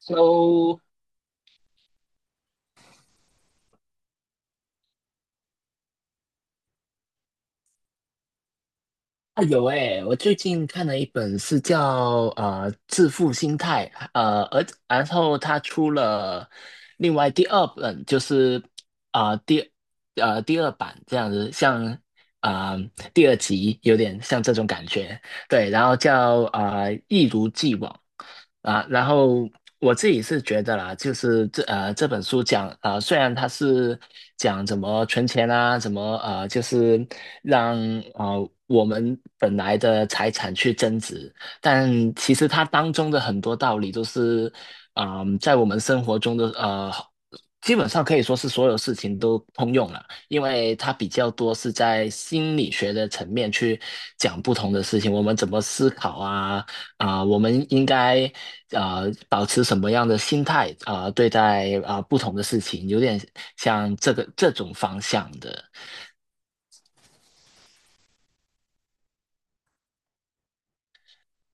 So 啊有诶，我最近看了一本是叫《致富心态》，而然后他出了另外第二本，就是啊、呃第第二版这样子，像第二集有点像这种感觉。对，然后叫一如既往。然后我自己是觉得啦，就是这本书讲虽然它是讲怎么存钱啊，怎么就是让啊我们本来的财产去增值，但其实它当中的很多道理都是在我们生活中的基本上可以说是所有事情都通用了。因为它比较多是在心理学的层面去讲不同的事情，我们怎么思考啊，我们应该啊、保持什么样的心态对待不同的事情，有点像这个这种方向的。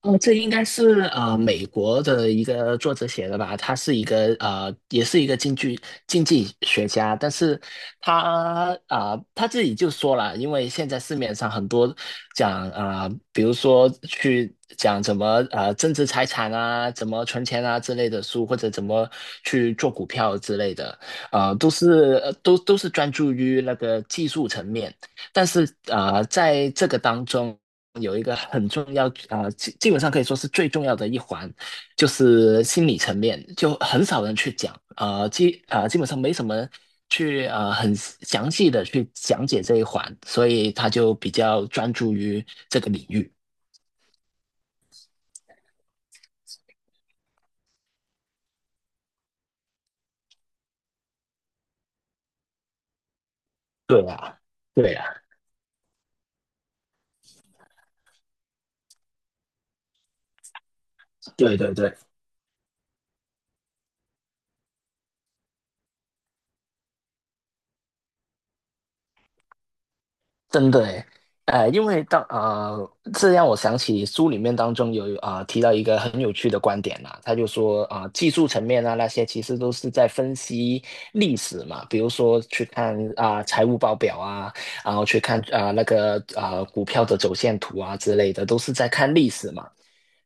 哦，这应该是美国的一个作者写的吧？他是一个也是一个经济学家，但是他他自己就说了，因为现在市面上很多讲比如说去讲怎么增值财产啊，怎么存钱啊之类的书，或者怎么去做股票之类的，都是专注于那个技术层面。但是在这个当中，有一个很重要，基本上可以说是最重要的一环，就是心理层面，就很少人去讲，基本上没什么去很详细的去讲解这一环，所以他就比较专注于这个领域。对啊，对啊，对对对。真的诶，因为这让我想起书里面当中有提到一个很有趣的观点啦、他就说技术层面啊那些其实都是在分析历史嘛，比如说去看啊、财务报表啊，然后去看那个股票的走线图啊之类的，都是在看历史嘛。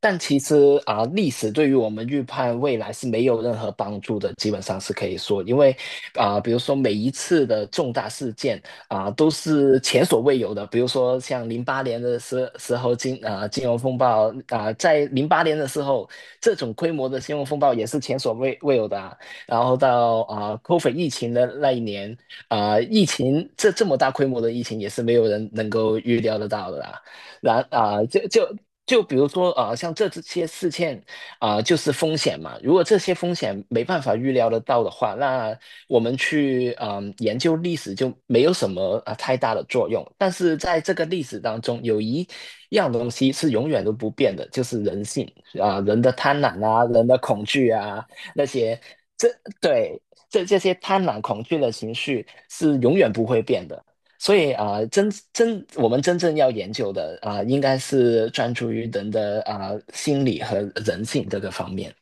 但其实啊，历史对于我们预判未来是没有任何帮助的，基本上是可以说，因为啊，比如说每一次的重大事件啊，都是前所未有的。比如说像零八年的时候金融风暴啊，在零八年的时候，这种规模的金融风暴也是前所未有的啊。然后到COVID 疫情的那一年啊，疫情这么大规模的疫情也是没有人能够预料得到的啊。然啊、呃就就就比如说像这些事件就是风险嘛。如果这些风险没办法预料得到的话，那我们去研究历史就没有什么太大的作用。但是在这个历史当中，有一样东西是永远都不变的，就是人性人的贪婪啊，人的恐惧啊，那些。这对这些贪婪恐惧的情绪是永远不会变的。所以啊、呃真真我们真正要研究的应该是专注于人的心理和人性这个方面。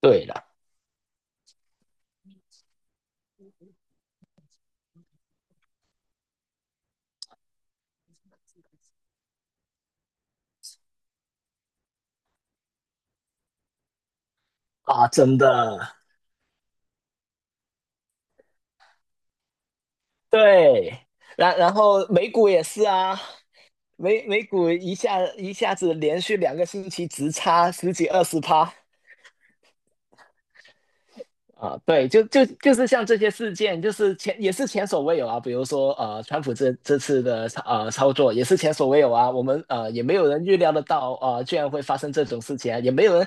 对了，啊，真的，对，然后美股也是啊，美股一下子连续两个星期直插十几二十趴，啊，对，就是像这些事件，就是也是前所未有啊。比如说，川普这次的操作也是前所未有啊。我们也没有人预料得到，居然会发生这种事情啊，也没有人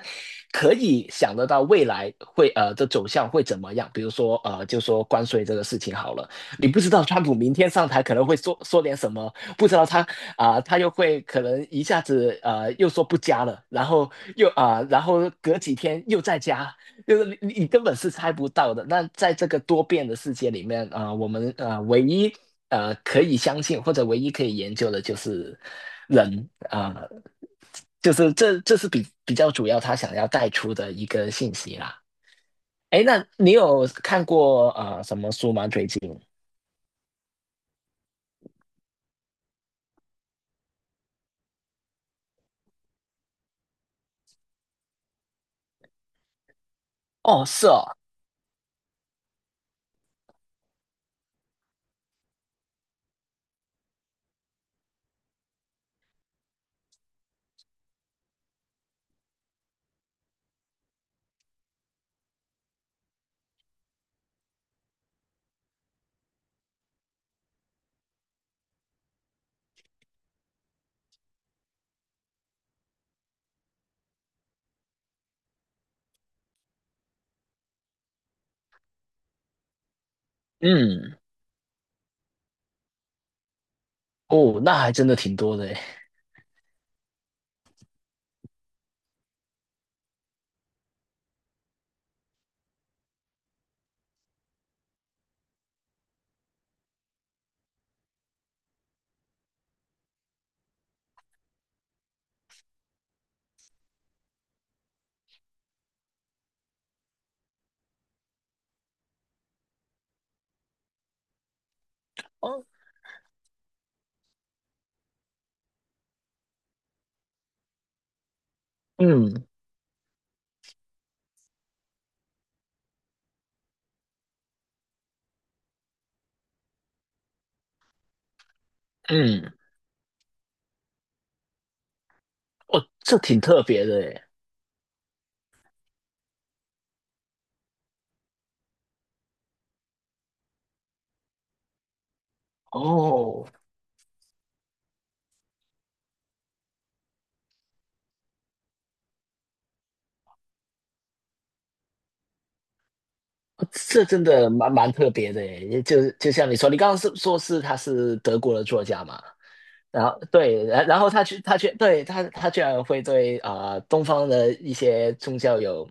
可以想得到未来的走向会怎么样。比如说，就说关税这个事情好了，你不知道川普明天上台可能会说点什么，不知道他他又会可能一下子又说不加了，然后又隔几天又再加，就是你根本是猜不到的。那在这个多变的世界里面，啊，我们唯一可以相信或者唯一可以研究的就是人。就是这是比较主要他想要带出的一个信息啦。哎，那你有看过什么书吗？最近？哦，是哦，嗯，哦，那还真的挺多的诶。哦，嗯嗯，哦，这挺特别的诶。哦，这真的蛮特别的耶，就像你说，你刚刚是说是他是德国的作家嘛，然后对，然后他居然会对东方的一些宗教有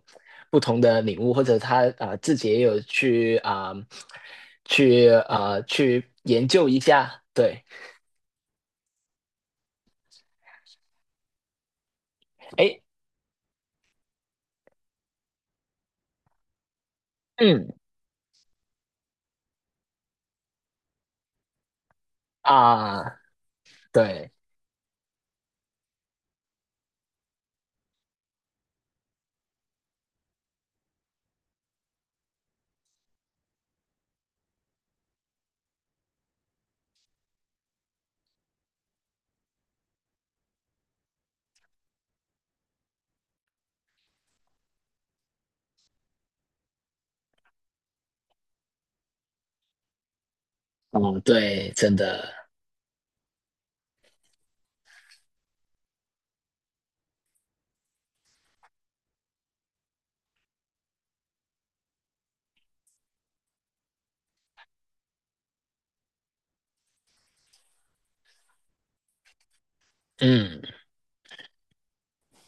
不同的领悟，或者他自己也有去去研究一下，对，哎，嗯啊、对，哦对，真的，嗯。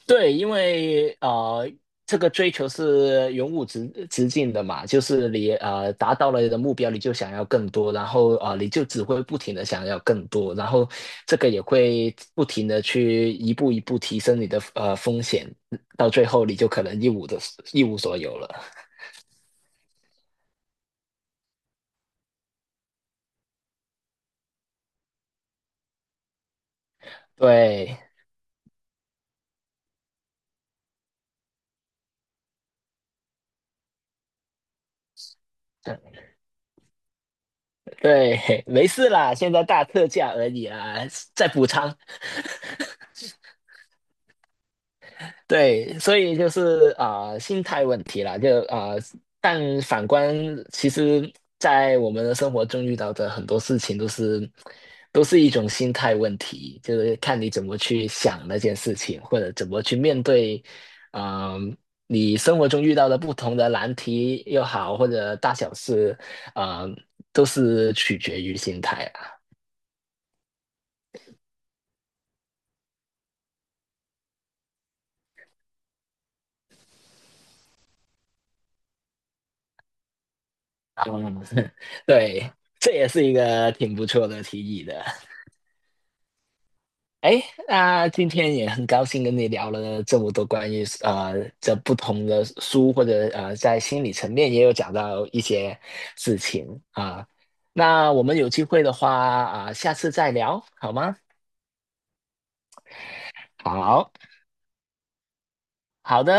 对，因为这个追求是永无止境的嘛，就是你达到了你的目标，你就想要更多，然后你就只会不停的想要更多，然后这个也会不停的去一步一步提升你的风险，到最后你就可能一无所有了。对，对，没事啦，现在大特价而已啦，再补仓。对，所以就是心态问题啦，就但反观，其实，在我们的生活中遇到的很多事情，都是一种心态问题，就是看你怎么去想那件事情，或者怎么去面对，啊、你生活中遇到的不同的难题又好，或者大小事，啊、都是取决于心态啊。嗯 对，这也是一个挺不错的提议的。哎，那今天也很高兴跟你聊了这么多关于这不同的书，或者在心理层面也有讲到一些事情啊、那我们有机会的话下次再聊好吗？好，好的。